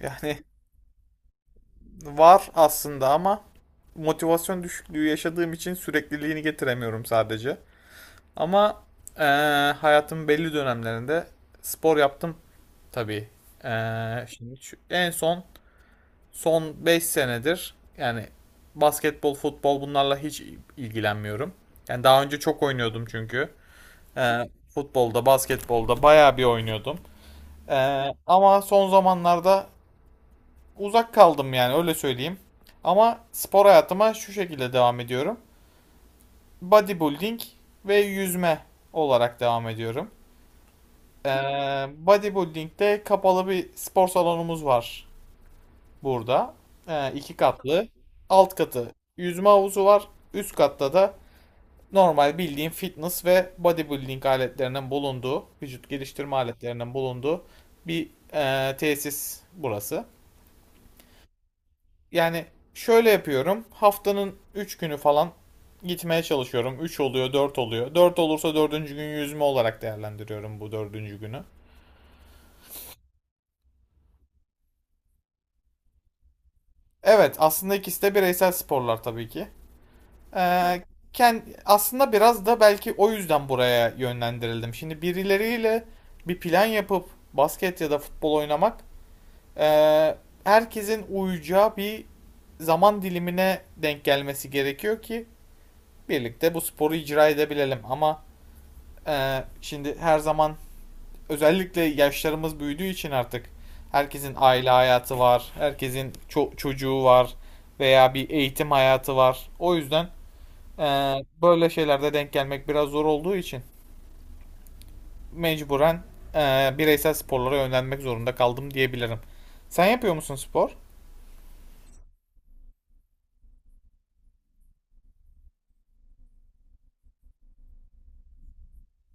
Yani var aslında ama motivasyon düşüklüğü yaşadığım için sürekliliğini getiremiyorum sadece. Ama hayatımın belli dönemlerinde spor yaptım tabii. En son 5 senedir yani basketbol, futbol bunlarla hiç ilgilenmiyorum. Yani daha önce çok oynuyordum çünkü. Eee, Futbolda, basketbolda bayağı bir oynuyordum. Ama son zamanlarda uzak kaldım yani öyle söyleyeyim. Ama spor hayatıma şu şekilde devam ediyorum. Bodybuilding ve yüzme olarak devam ediyorum. Ee, Bodybuilding'de kapalı bir spor salonumuz var burada. İki katlı. Alt katı yüzme havuzu var. Üst katta da normal bildiğin fitness ve bodybuilding aletlerinin bulunduğu, vücut geliştirme aletlerinin bulunduğu bir tesis burası. Yani şöyle yapıyorum. Haftanın 3 günü falan gitmeye çalışıyorum. Üç oluyor, 4 oluyor. Dört olursa dördüncü gün yüzme olarak değerlendiriyorum bu dördüncü günü. Evet, aslında ikisi de bireysel sporlar tabii ki. Ee, Aslında biraz da belki o yüzden buraya yönlendirildim. Şimdi birileriyle bir plan yapıp basket ya da futbol oynamak, ee, herkesin uyacağı bir zaman dilimine denk gelmesi gerekiyor ki birlikte bu sporu icra edebilelim. Ama Şimdi her zaman özellikle yaşlarımız büyüdüğü için artık herkesin aile hayatı var, herkesin çocuğu var veya bir eğitim hayatı var. O yüzden ee, böyle şeylerde denk gelmek biraz zor olduğu için mecburen bireysel sporlara yönlenmek zorunda kaldım diyebilirim. Sen yapıyor musun spor?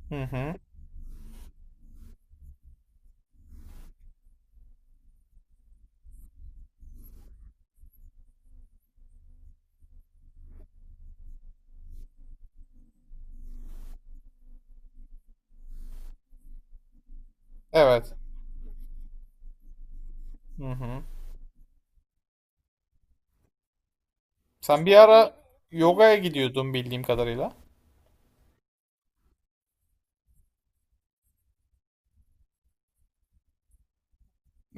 Hı hı. Evet. Hı hı. Sen bir ara yogaya gidiyordun bildiğim kadarıyla.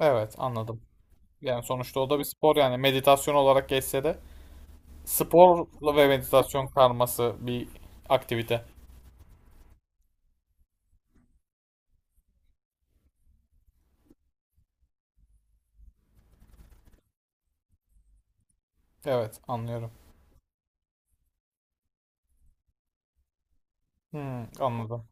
Evet, anladım. Yani sonuçta o da bir spor yani meditasyon olarak geçse de. Sporla ve meditasyon karması bir aktivite. Evet, anlıyorum. Hmm, anladım.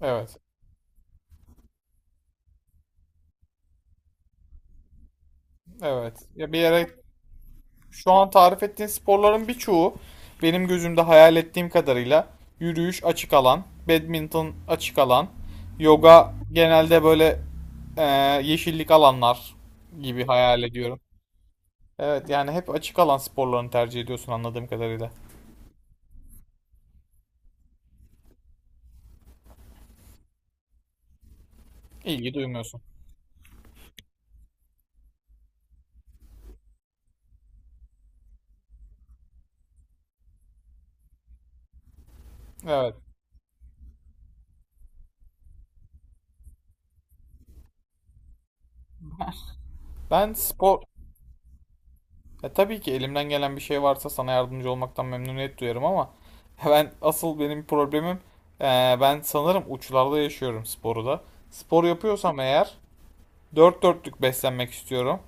Evet, evet. Ya bir yere Şu an tarif ettiğin sporların birçoğu benim gözümde hayal ettiğim kadarıyla yürüyüş açık alan, badminton açık alan, yoga genelde böyle e, yeşillik alanlar gibi hayal ediyorum. Evet, yani hep açık alan sporlarını tercih ediyorsun anladığım kadarıyla. İlgi duymuyorsun. Evet. Ben spor Ya tabii ki elimden gelen bir şey varsa sana yardımcı olmaktan memnuniyet duyarım ama benim problemim ben sanırım uçlarda yaşıyorum sporu da. Spor yapıyorsam eğer dört dörtlük beslenmek istiyorum.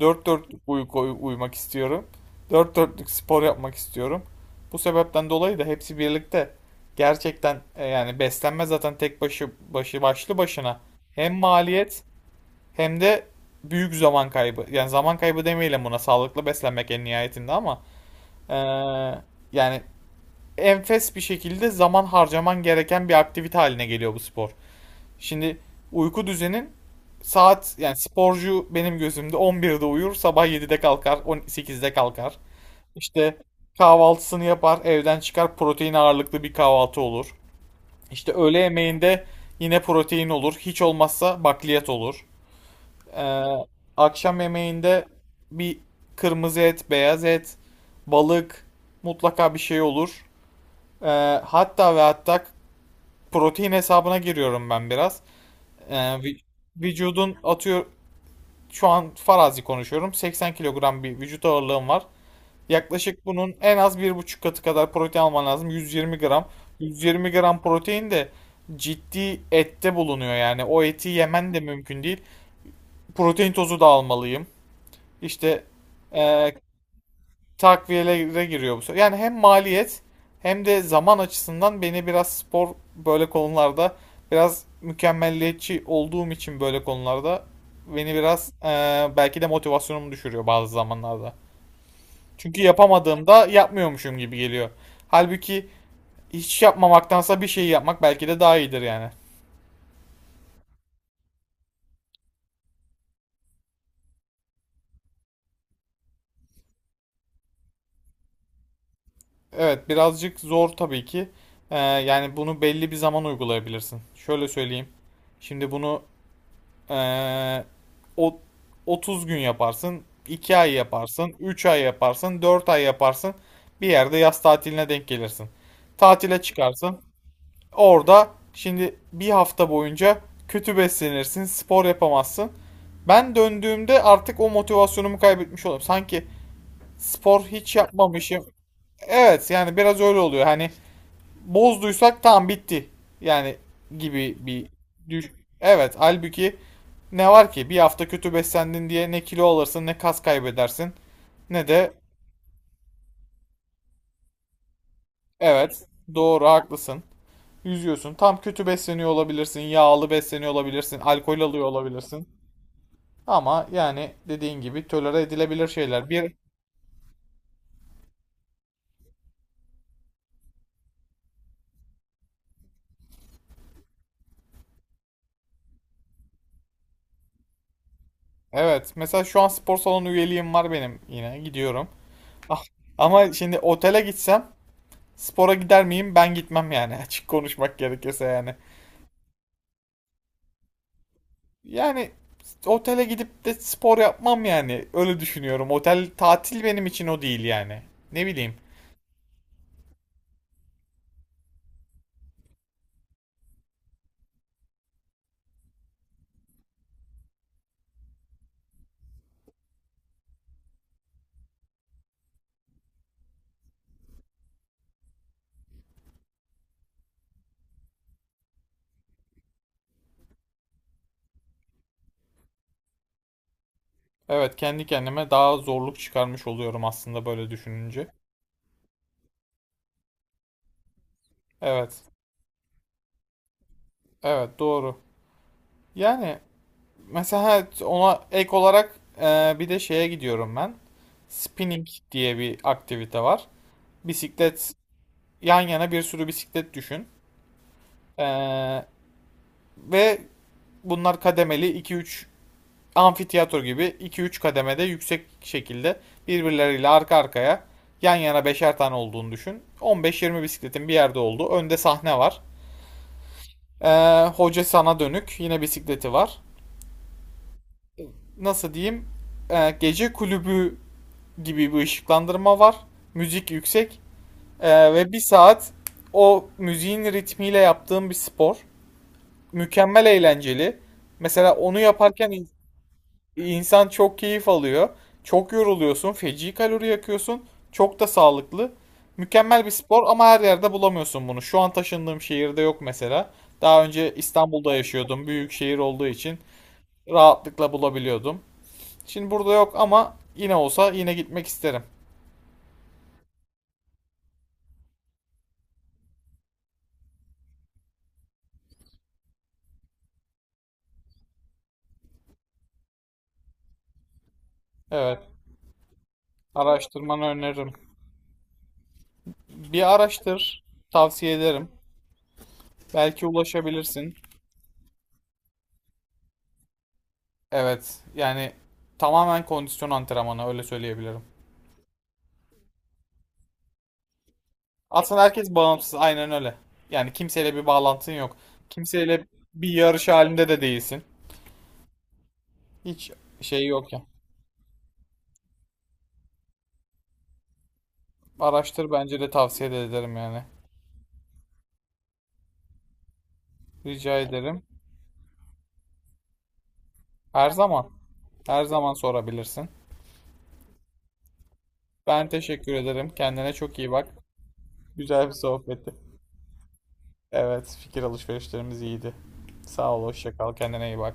Dört dörtlük uyku uyumak istiyorum. Dört dörtlük spor yapmak istiyorum. Bu sebepten dolayı da hepsi birlikte gerçekten yani beslenme zaten tek başına hem maliyet hem de büyük zaman kaybı. Yani zaman kaybı demeyelim buna. Sağlıklı beslenmek en nihayetinde ama eee, yani enfes bir şekilde zaman harcaman gereken bir aktivite haline geliyor bu spor. Şimdi uyku düzenin saat yani sporcu benim gözümde 11'de uyur, sabah 7'de kalkar, 18'de kalkar. İşte kahvaltısını yapar, evden çıkar, protein ağırlıklı bir kahvaltı olur. İşte öğle yemeğinde yine protein olur, hiç olmazsa bakliyat olur. Ee, Akşam yemeğinde bir kırmızı et, beyaz et, balık mutlaka bir şey olur. Ee, Hatta ve hatta protein hesabına giriyorum ben biraz. Ee, vü- Vücudun atıyor şu an farazi konuşuyorum. 80 kilogram bir vücut ağırlığım var. Yaklaşık bunun en az bir buçuk katı kadar protein alman lazım. 120 gram. 120 gram protein de ciddi ette bulunuyor yani. O eti yemen de mümkün değil. Protein tozu da almalıyım. İşte eee takviyelere giriyor bu sefer. Yani hem maliyet hem de zaman açısından beni biraz spor böyle konularda biraz mükemmelliyetçi olduğum için böyle konularda beni biraz belki de motivasyonumu düşürüyor bazı zamanlarda. Çünkü yapamadığımda yapmıyormuşum gibi geliyor. Halbuki hiç yapmamaktansa bir şey yapmak belki de daha iyidir yani. Evet birazcık zor tabii ki. Yani bunu belli bir zaman uygulayabilirsin. Şöyle söyleyeyim. Şimdi bunu Ee, O 30 gün yaparsın, 2 ay yaparsın, 3 ay yaparsın, 4 ay yaparsın. Bir yerde yaz tatiline denk gelirsin. Tatile çıkarsın. Orada şimdi bir hafta boyunca kötü beslenirsin, spor yapamazsın. Ben döndüğümde artık o motivasyonumu kaybetmiş olurum. Sanki spor hiç yapmamışım. Evet yani biraz öyle oluyor. Hani bozduysak tam bitti. Yani gibi bir düş. Evet, halbuki ne var ki? Bir hafta kötü beslendin diye ne kilo alırsın, ne kas kaybedersin, ne de evet, doğru haklısın. Yüzüyorsun. Tam kötü besleniyor olabilirsin, yağlı besleniyor olabilirsin, alkol alıyor olabilirsin. Ama yani dediğin gibi tolere edilebilir şeyler. Evet, mesela şu an spor salonu üyeliğim var benim yine gidiyorum. Ah, ama şimdi otele gitsem spora gider miyim? Ben gitmem yani. Açık konuşmak gerekirse yani. Yani otele gidip de spor yapmam yani. Öyle düşünüyorum. Otel tatil benim için o değil yani. Ne bileyim. Evet, kendi kendime daha zorluk çıkarmış oluyorum aslında böyle düşününce. Evet. Evet, doğru. Yani mesela evet, ona ek olarak bir de şeye gidiyorum ben. Spinning diye bir aktivite var. Bisiklet yan yana bir sürü bisiklet düşün. Ee, ve Bunlar kademeli 2-3 amfiteyatro gibi 2-3 kademede yüksek şekilde birbirleriyle arka arkaya yan yana beşer tane olduğunu düşün. 15-20 bisikletin bir yerde olduğu önde sahne var. Hoca sana dönük yine bisikleti var. Nasıl diyeyim? Gece kulübü gibi bir ışıklandırma var. Müzik yüksek. Ve Bir saat o müziğin ritmiyle yaptığım bir spor. Mükemmel eğlenceli. Mesela onu yaparken İnsan çok keyif alıyor. Çok yoruluyorsun. Feci kalori yakıyorsun. Çok da sağlıklı. Mükemmel bir spor ama her yerde bulamıyorsun bunu. Şu an taşındığım şehirde yok mesela. Daha önce İstanbul'da yaşıyordum. Büyük şehir olduğu için rahatlıkla bulabiliyordum. Şimdi burada yok ama yine olsa yine gitmek isterim. Evet. Araştırmanı öneririm. Bir araştır. Tavsiye ederim. Belki ulaşabilirsin. Evet. Yani tamamen kondisyon antrenmanı öyle söyleyebilirim. Aslında herkes bağımsız, aynen öyle. Yani kimseyle bir bağlantın yok. Kimseyle bir yarış halinde de değilsin. Hiç şey yok ya. Araştır bence de tavsiye de ederim yani. Rica ederim. Her zaman, her zaman sorabilirsin. Ben teşekkür ederim. Kendine çok iyi bak. Güzel bir sohbetti. Evet, fikir alışverişlerimiz iyiydi. Sağ ol, hoşça kal. Kendine iyi bak.